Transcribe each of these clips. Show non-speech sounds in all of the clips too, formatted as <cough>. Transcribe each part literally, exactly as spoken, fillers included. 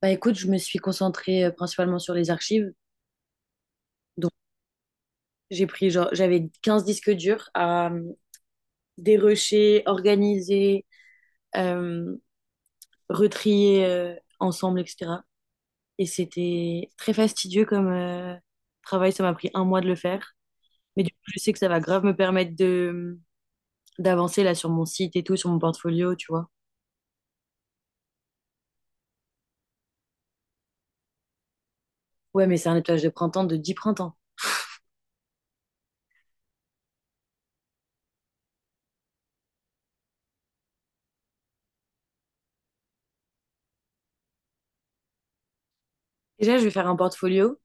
Bah écoute, je me suis concentrée euh, principalement sur les archives. Donc j'ai pris genre j'avais quinze disques durs à euh, dérocher, organiser, euh, retrier euh, ensemble, et cetera. Et c'était très fastidieux comme euh, travail. Ça m'a pris un mois de le faire. Mais du coup, je sais que ça va grave me permettre de euh, d'avancer là sur mon site et tout, sur mon portfolio, tu vois. Ouais, mais c'est un nettoyage de printemps de dix printemps. Déjà, je vais faire un portfolio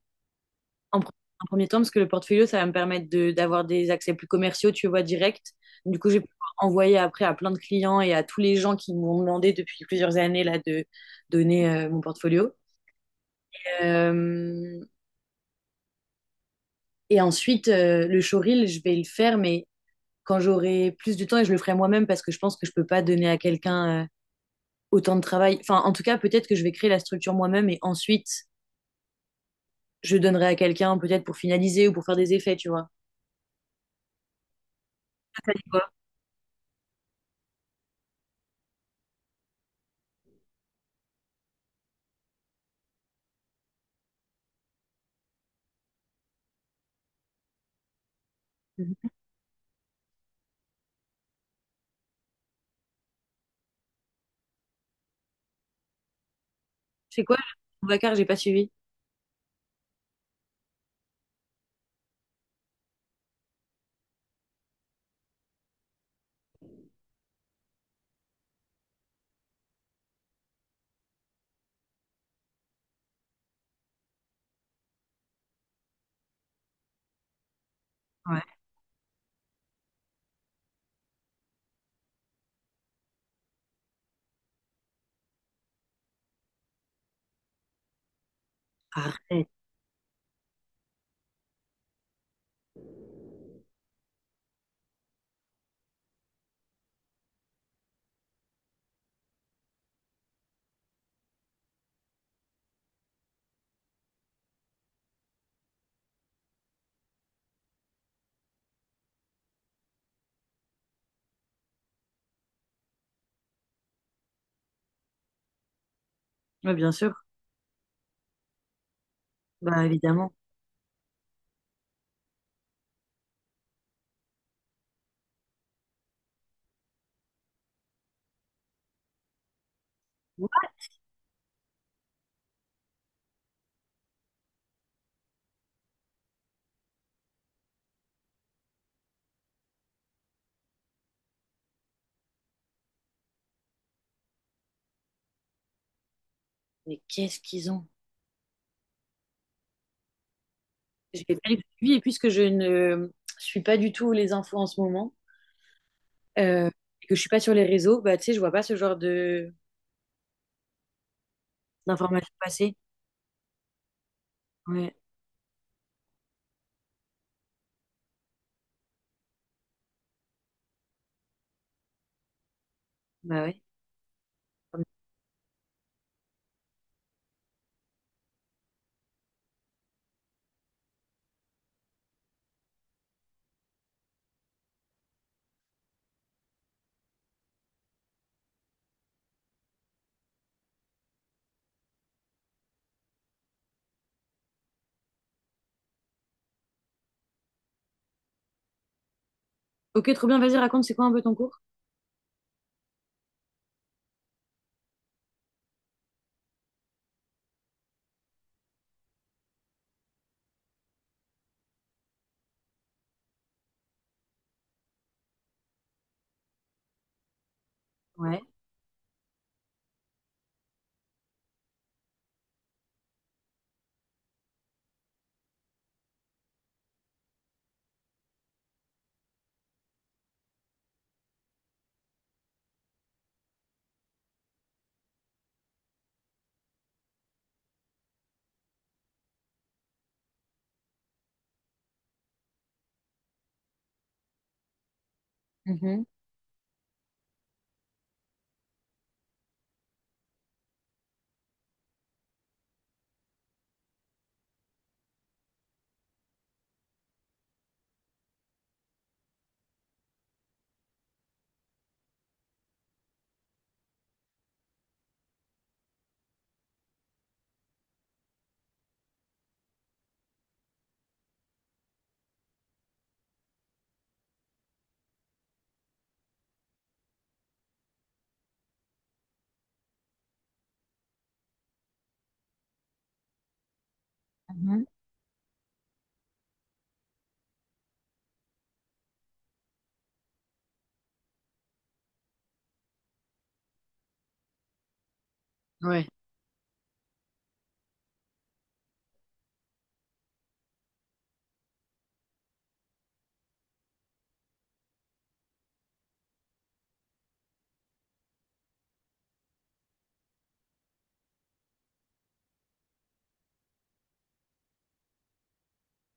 En, pre- en premier temps, parce que le portfolio, ça va me permettre de- d'avoir des accès plus commerciaux, tu vois, direct. Du coup, je vais pouvoir envoyer après à plein de clients et à tous les gens qui m'ont demandé depuis plusieurs années là, de donner euh, mon portfolio. Euh, et ensuite, euh, le showreel, je vais le faire, mais quand j'aurai plus du temps, et je le ferai moi-même parce que je pense que je peux pas donner à quelqu'un euh, autant de travail. Enfin, en tout cas, peut-être que je vais créer la structure moi-même et ensuite, je donnerai à quelqu'un peut-être pour finaliser ou pour faire des effets, tu vois. C'est quoi? Mhm. C'est quoi? Le Vacar, j'ai pas suivi. Arrête. Ouais, bien sûr. Bah, évidemment. What? Mais qu'est-ce qu'ils ont? Je vais pas les suivre, et puisque je ne suis pas du tout les infos en ce moment, euh, et que je suis pas sur les réseaux, bah tu sais, je vois pas ce genre de d'informations passer. Ouais, bah ouais. Ok, trop bien, vas-y, raconte, c'est quoi un peu ton cours? Ouais. Mhm, mhm. Ouais.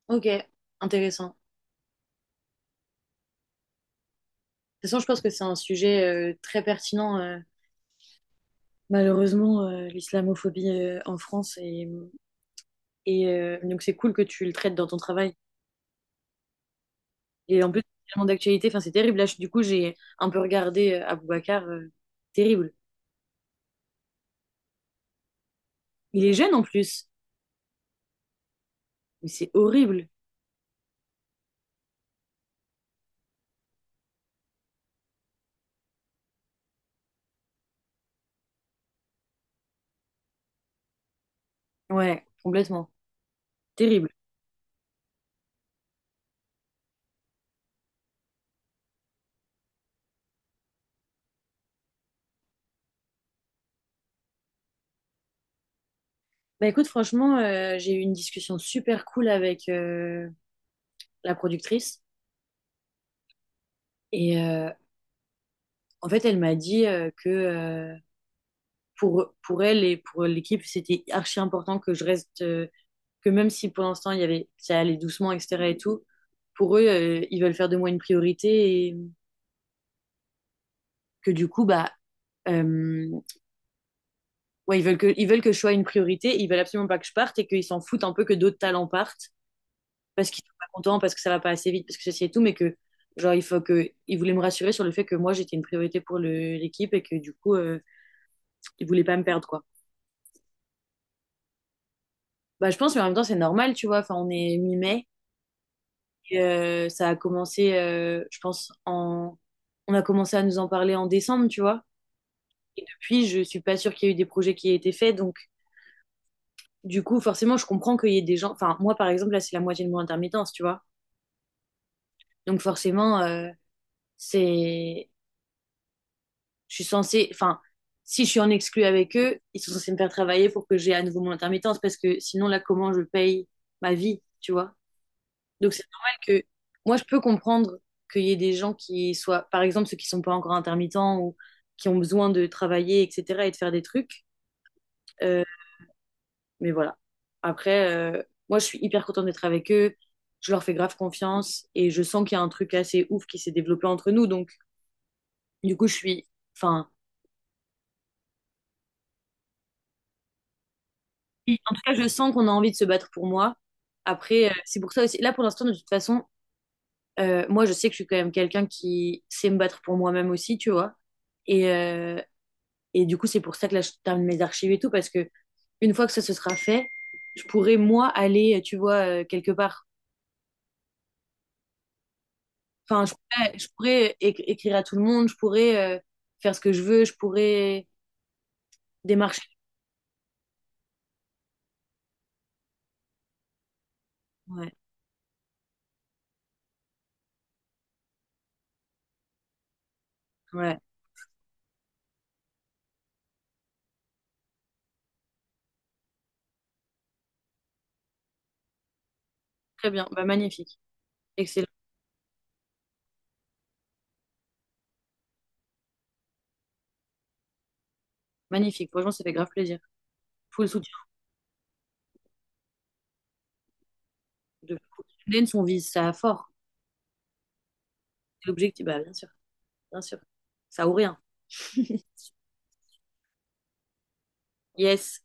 Ok, intéressant. De toute façon, je pense que c'est un sujet euh, très pertinent. Euh, malheureusement, euh, l'islamophobie euh, en France. Et, et euh, donc, c'est cool que tu le traites dans ton travail. Et en plus, c'est tellement d'actualité, enfin, c'est terrible. Là, je- du coup, j'ai un peu regardé euh, Aboubacar, euh, terrible. Il est jeune en plus, mais c'est horrible. Ouais, complètement. Terrible. Bah écoute, franchement, euh, j'ai eu une discussion super cool avec euh, la productrice. Et euh, en fait, elle m'a dit euh, que euh, pour, pour elle et pour l'équipe, c'était archi important que je reste, euh, que même si pour l'instant, il y avait, ça allait doucement, et cetera et tout, pour eux, euh, ils veulent faire de moi une priorité et que du coup, bah. euh, ouais, ils veulent que, ils veulent que je sois une priorité, ils veulent absolument pas que je parte et qu'ils s'en foutent un peu que d'autres talents partent parce qu'ils sont pas contents, parce que ça va pas assez vite, parce que ceci et tout, mais que genre il faut que ils voulaient me rassurer sur le fait que moi j'étais une priorité pour le- l'équipe et que du coup euh, ils voulaient pas me perdre quoi. Bah je pense mais en même temps c'est normal tu vois, enfin on est mi-mai et, euh, ça a commencé euh, je pense en on a commencé à nous en parler en décembre, tu vois. Et depuis, je suis pas sûre qu'il y ait eu des projets qui aient été faits donc du coup forcément je comprends qu'il y ait des gens enfin moi par exemple là c'est la moitié de mon intermittence, tu vois. Donc forcément, euh, c'est, je suis censée, enfin, si je suis en exclu avec eux, ils sont censés me faire travailler pour que j'ai à nouveau mon intermittence parce que sinon là, comment je paye ma vie, tu vois? Donc c'est normal que moi, je peux comprendre qu'il y ait des gens qui soient, par exemple, ceux qui sont pas encore intermittents ou qui ont besoin de travailler, et cetera, et de faire des trucs. Euh, mais voilà. Après, euh, moi, je suis hyper contente d'être avec eux. Je leur fais grave confiance et je sens qu'il y a un truc assez ouf qui s'est développé entre nous. Donc, du coup, je suis, enfin, et en tout cas, je sens qu'on a envie de se battre pour moi. Après, euh, c'est pour ça aussi. Là, pour l'instant, de toute façon, euh, moi, je sais que je suis quand même quelqu'un qui sait me battre pour moi-même aussi, tu vois. Et, euh, et du coup, c'est pour ça que là, je termine mes archives et tout, parce que une fois que ça se sera fait, je pourrais, moi, aller, euh, tu vois, euh, quelque part. Enfin, je pourrais, je pourrais éc- écrire à tout le monde, je pourrais euh, faire ce que je veux, je pourrais démarcher. Ouais, ouais. Très bien. Bah, magnifique. Excellent. Magnifique. Franchement, ça fait grave plaisir. Full soutien. De Lens, on vise ça fort. L'objectif, bah, bien sûr, bien sûr. Ça ou rien. <laughs> Yes.